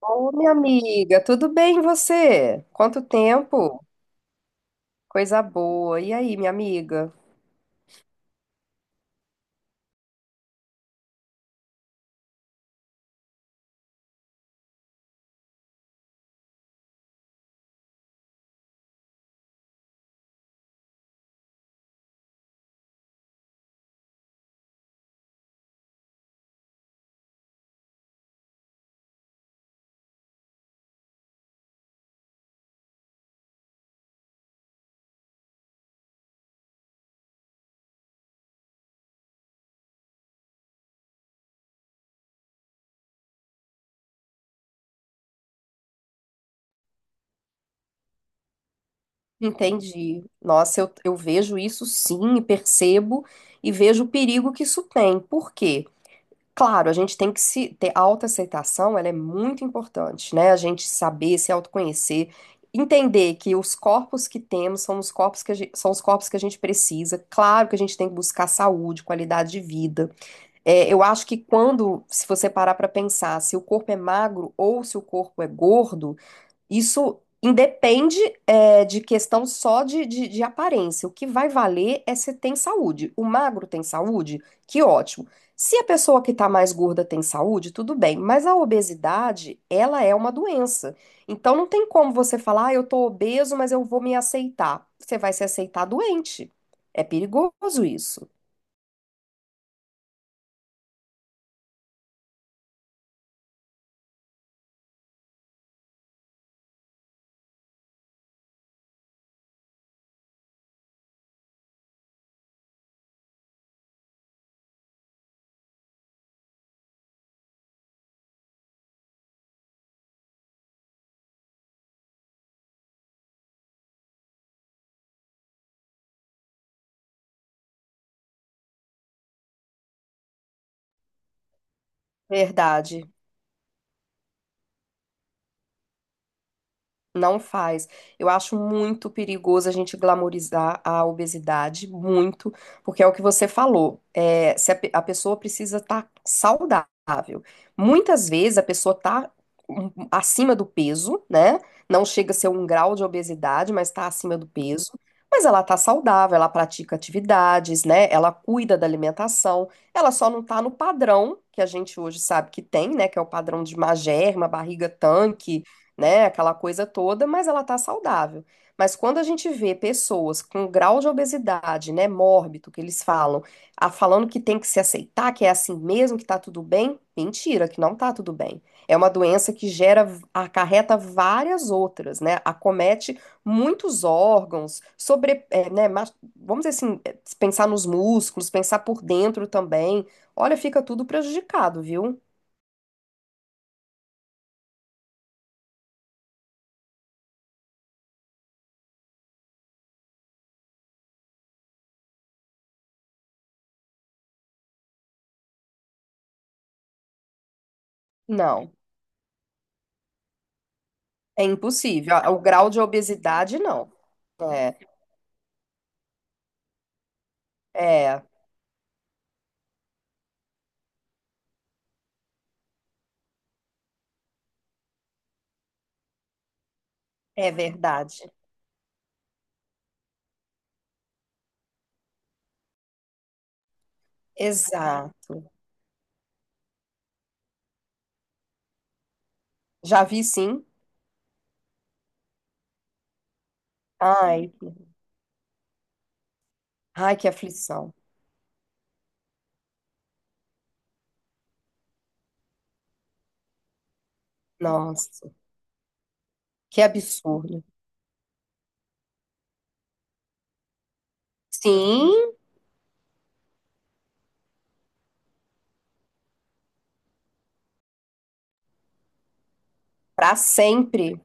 Ô, minha amiga, tudo bem e você? Quanto tempo? Coisa boa. E aí, minha amiga? Entendi. Nossa, eu vejo isso, sim, e percebo e vejo o perigo que isso tem. Por quê? Claro, a gente tem que se ter autoaceitação, ela é muito importante, né? A gente saber, se autoconhecer, entender que os corpos que temos são os corpos que são os corpos que a gente precisa. Claro que a gente tem que buscar saúde, qualidade de vida. É, eu acho que se você parar para pensar se o corpo é magro ou se o corpo é gordo, isso independe, de questão só de aparência. O que vai valer é se tem saúde. O magro tem saúde? Que ótimo. Se a pessoa que está mais gorda tem saúde, tudo bem. Mas a obesidade, ela é uma doença. Então não tem como você falar: ah, eu tô obeso, mas eu vou me aceitar. Você vai se aceitar doente. É perigoso isso. Verdade. Não faz. Eu acho muito perigoso a gente glamorizar a obesidade, muito, porque é o que você falou. É, se a pessoa precisa estar saudável. Muitas vezes a pessoa está acima do peso, né? Não chega a ser um grau de obesidade, mas está acima do peso. Mas ela está saudável, ela pratica atividades, né? Ela cuida da alimentação. Ela só não está no padrão que a gente hoje sabe que tem, né? Que é o padrão de magerma, barriga tanque, né? Aquela coisa toda, mas ela tá saudável. Mas quando a gente vê pessoas com grau de obesidade, né, mórbido, que eles falam, falando que tem que se aceitar, que é assim mesmo, que tá tudo bem, mentira, que não tá tudo bem. É uma doença que gera, acarreta várias outras, né? Acomete muitos órgãos, sobre, é, né, mas- vamos dizer assim, é, pensar nos músculos, pensar por dentro também. Olha, fica tudo prejudicado, viu? Não, é impossível. O grau de obesidade, não. É, é, é verdade. Exato. Já vi, sim. Ai, ai, que aflição. Nossa, que absurdo. Sim, para sempre.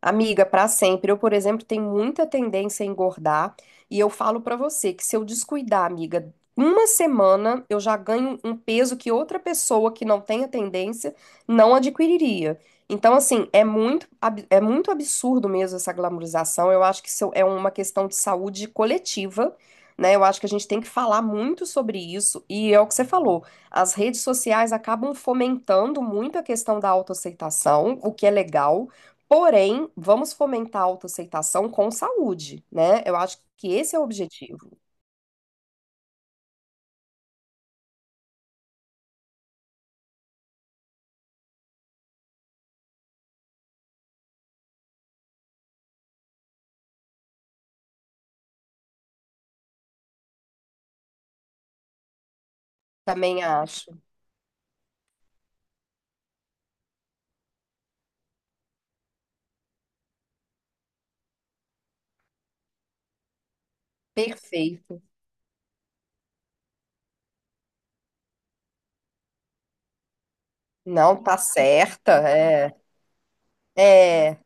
Amiga, para sempre. Eu, por exemplo, tenho muita tendência a engordar e eu falo para você que, se eu descuidar, amiga, uma semana eu já ganho um peso que outra pessoa que não tenha tendência não adquiriria. Então, assim, é é muito absurdo mesmo essa glamorização. Eu acho que isso é uma questão de saúde coletiva, né? Eu acho que a gente tem que falar muito sobre isso e é o que você falou. As redes sociais acabam fomentando muito a questão da autoaceitação, o que é legal. Porém, vamos fomentar a autoaceitação com saúde, né? Eu acho que esse é o objetivo. Também acho. Perfeito. Não tá certa, é. É,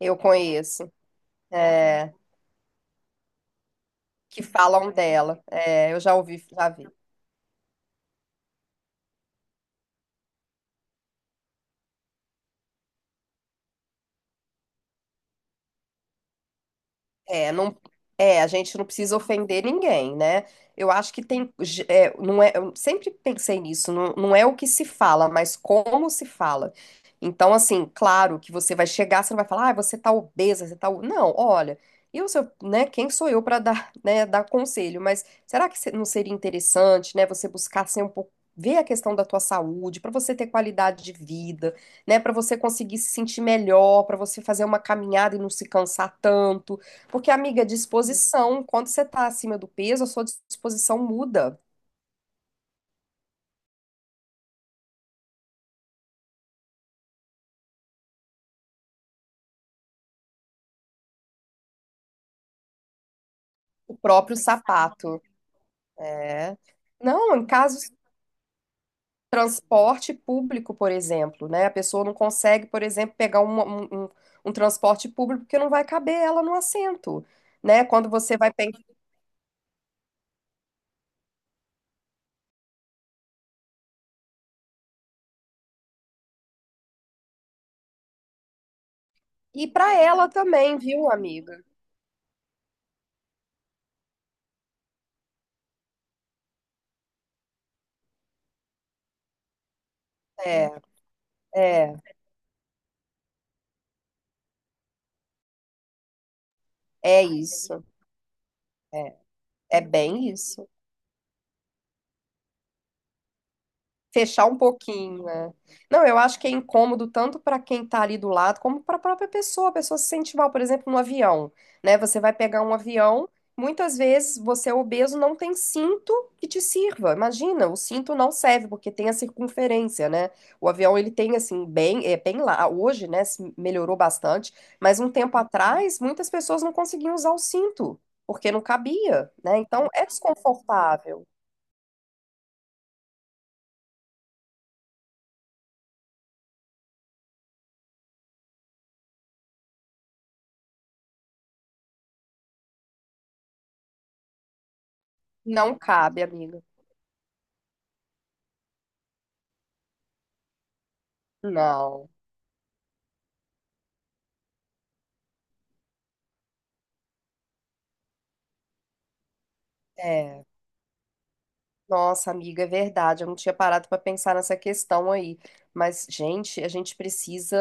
eu conheço. É, que falam dela. É, eu já ouvi, já vi. É, não, é, a gente não precisa ofender ninguém, né? Eu acho que tem, não é, eu sempre pensei nisso, não, não é o que se fala, mas como se fala. Então, assim, claro que você vai chegar, você não vai falar: ah, você tá obesa, você tá. o-". Não, olha, eu, sou- né, quem sou eu para dar, né, dar conselho? Mas será que não seria interessante, né, você buscar ser um pouco. Ver a questão da tua saúde, para você ter qualidade de vida, né? Para você conseguir se sentir melhor, para você fazer uma caminhada e não se cansar tanto. Porque, amiga, disposição, quando você tá acima do peso, a sua disposição muda. O próprio sapato. É. Não, em casos de transporte público, por exemplo, né? A pessoa não consegue, por exemplo, pegar um transporte público porque não vai caber ela no assento, né? Quando você vai pen- E para ela também, viu, amiga? É, é, é isso. É, é bem isso. Fechar um pouquinho, né? Não, eu acho que é incômodo tanto para quem tá ali do lado, como para a própria pessoa. A pessoa se sente mal, por exemplo, no avião, né? Você vai pegar um avião, muitas vezes você é obeso, não tem cinto que te sirva. Imagina, o cinto não serve porque tem a circunferência, né? O avião ele tem assim bem, é bem lá hoje, né? Se melhorou bastante, mas um tempo atrás muitas pessoas não conseguiam usar o cinto porque não cabia, né? Então é desconfortável. Não cabe, amiga. Não. É. Nossa, amiga, é verdade. Eu não tinha parado para pensar nessa questão aí. Mas, gente,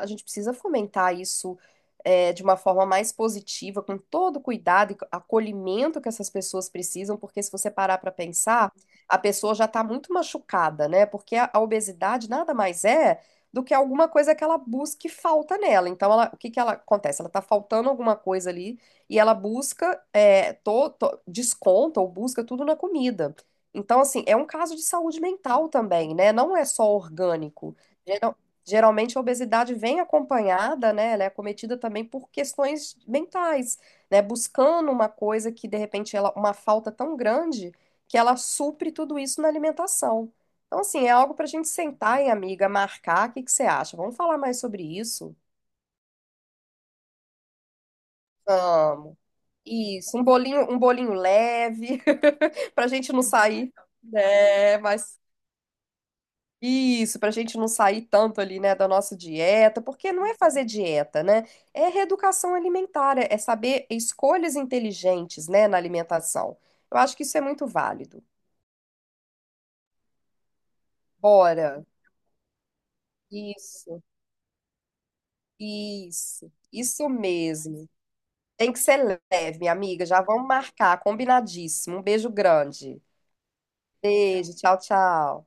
a gente precisa fomentar isso é, de uma forma mais positiva, com todo o cuidado e acolhimento que essas pessoas precisam, porque se você parar para pensar, a pessoa já está muito machucada, né? Porque a obesidade nada mais é do que alguma coisa que ela busca e falta nela. Então, ela, o que que ela acontece? Ela está faltando alguma coisa ali e ela busca é, desconta ou busca tudo na comida. Então, assim, é um caso de saúde mental também, né? Não é só orgânico. Geral- geralmente a obesidade vem acompanhada, né? Ela é cometida também por questões mentais, né? Buscando uma coisa que, de repente, ela, uma falta tão grande que ela supre tudo isso na alimentação. Então, assim, é algo para a gente sentar, hein, amiga, marcar. O que que você acha? Vamos falar mais sobre isso? Vamos. Isso, um bolinho leve, para a gente não sair. Né? Mas isso, para a gente não sair tanto ali, né, da nossa dieta, porque não é fazer dieta, né? É reeducação alimentar, é saber escolhas inteligentes, né, na alimentação. Eu acho que isso é muito válido. Bora. Isso, isso mesmo. Tem que ser leve, minha amiga. Já vamos marcar, combinadíssimo. Um beijo grande. Beijo, tchau, tchau.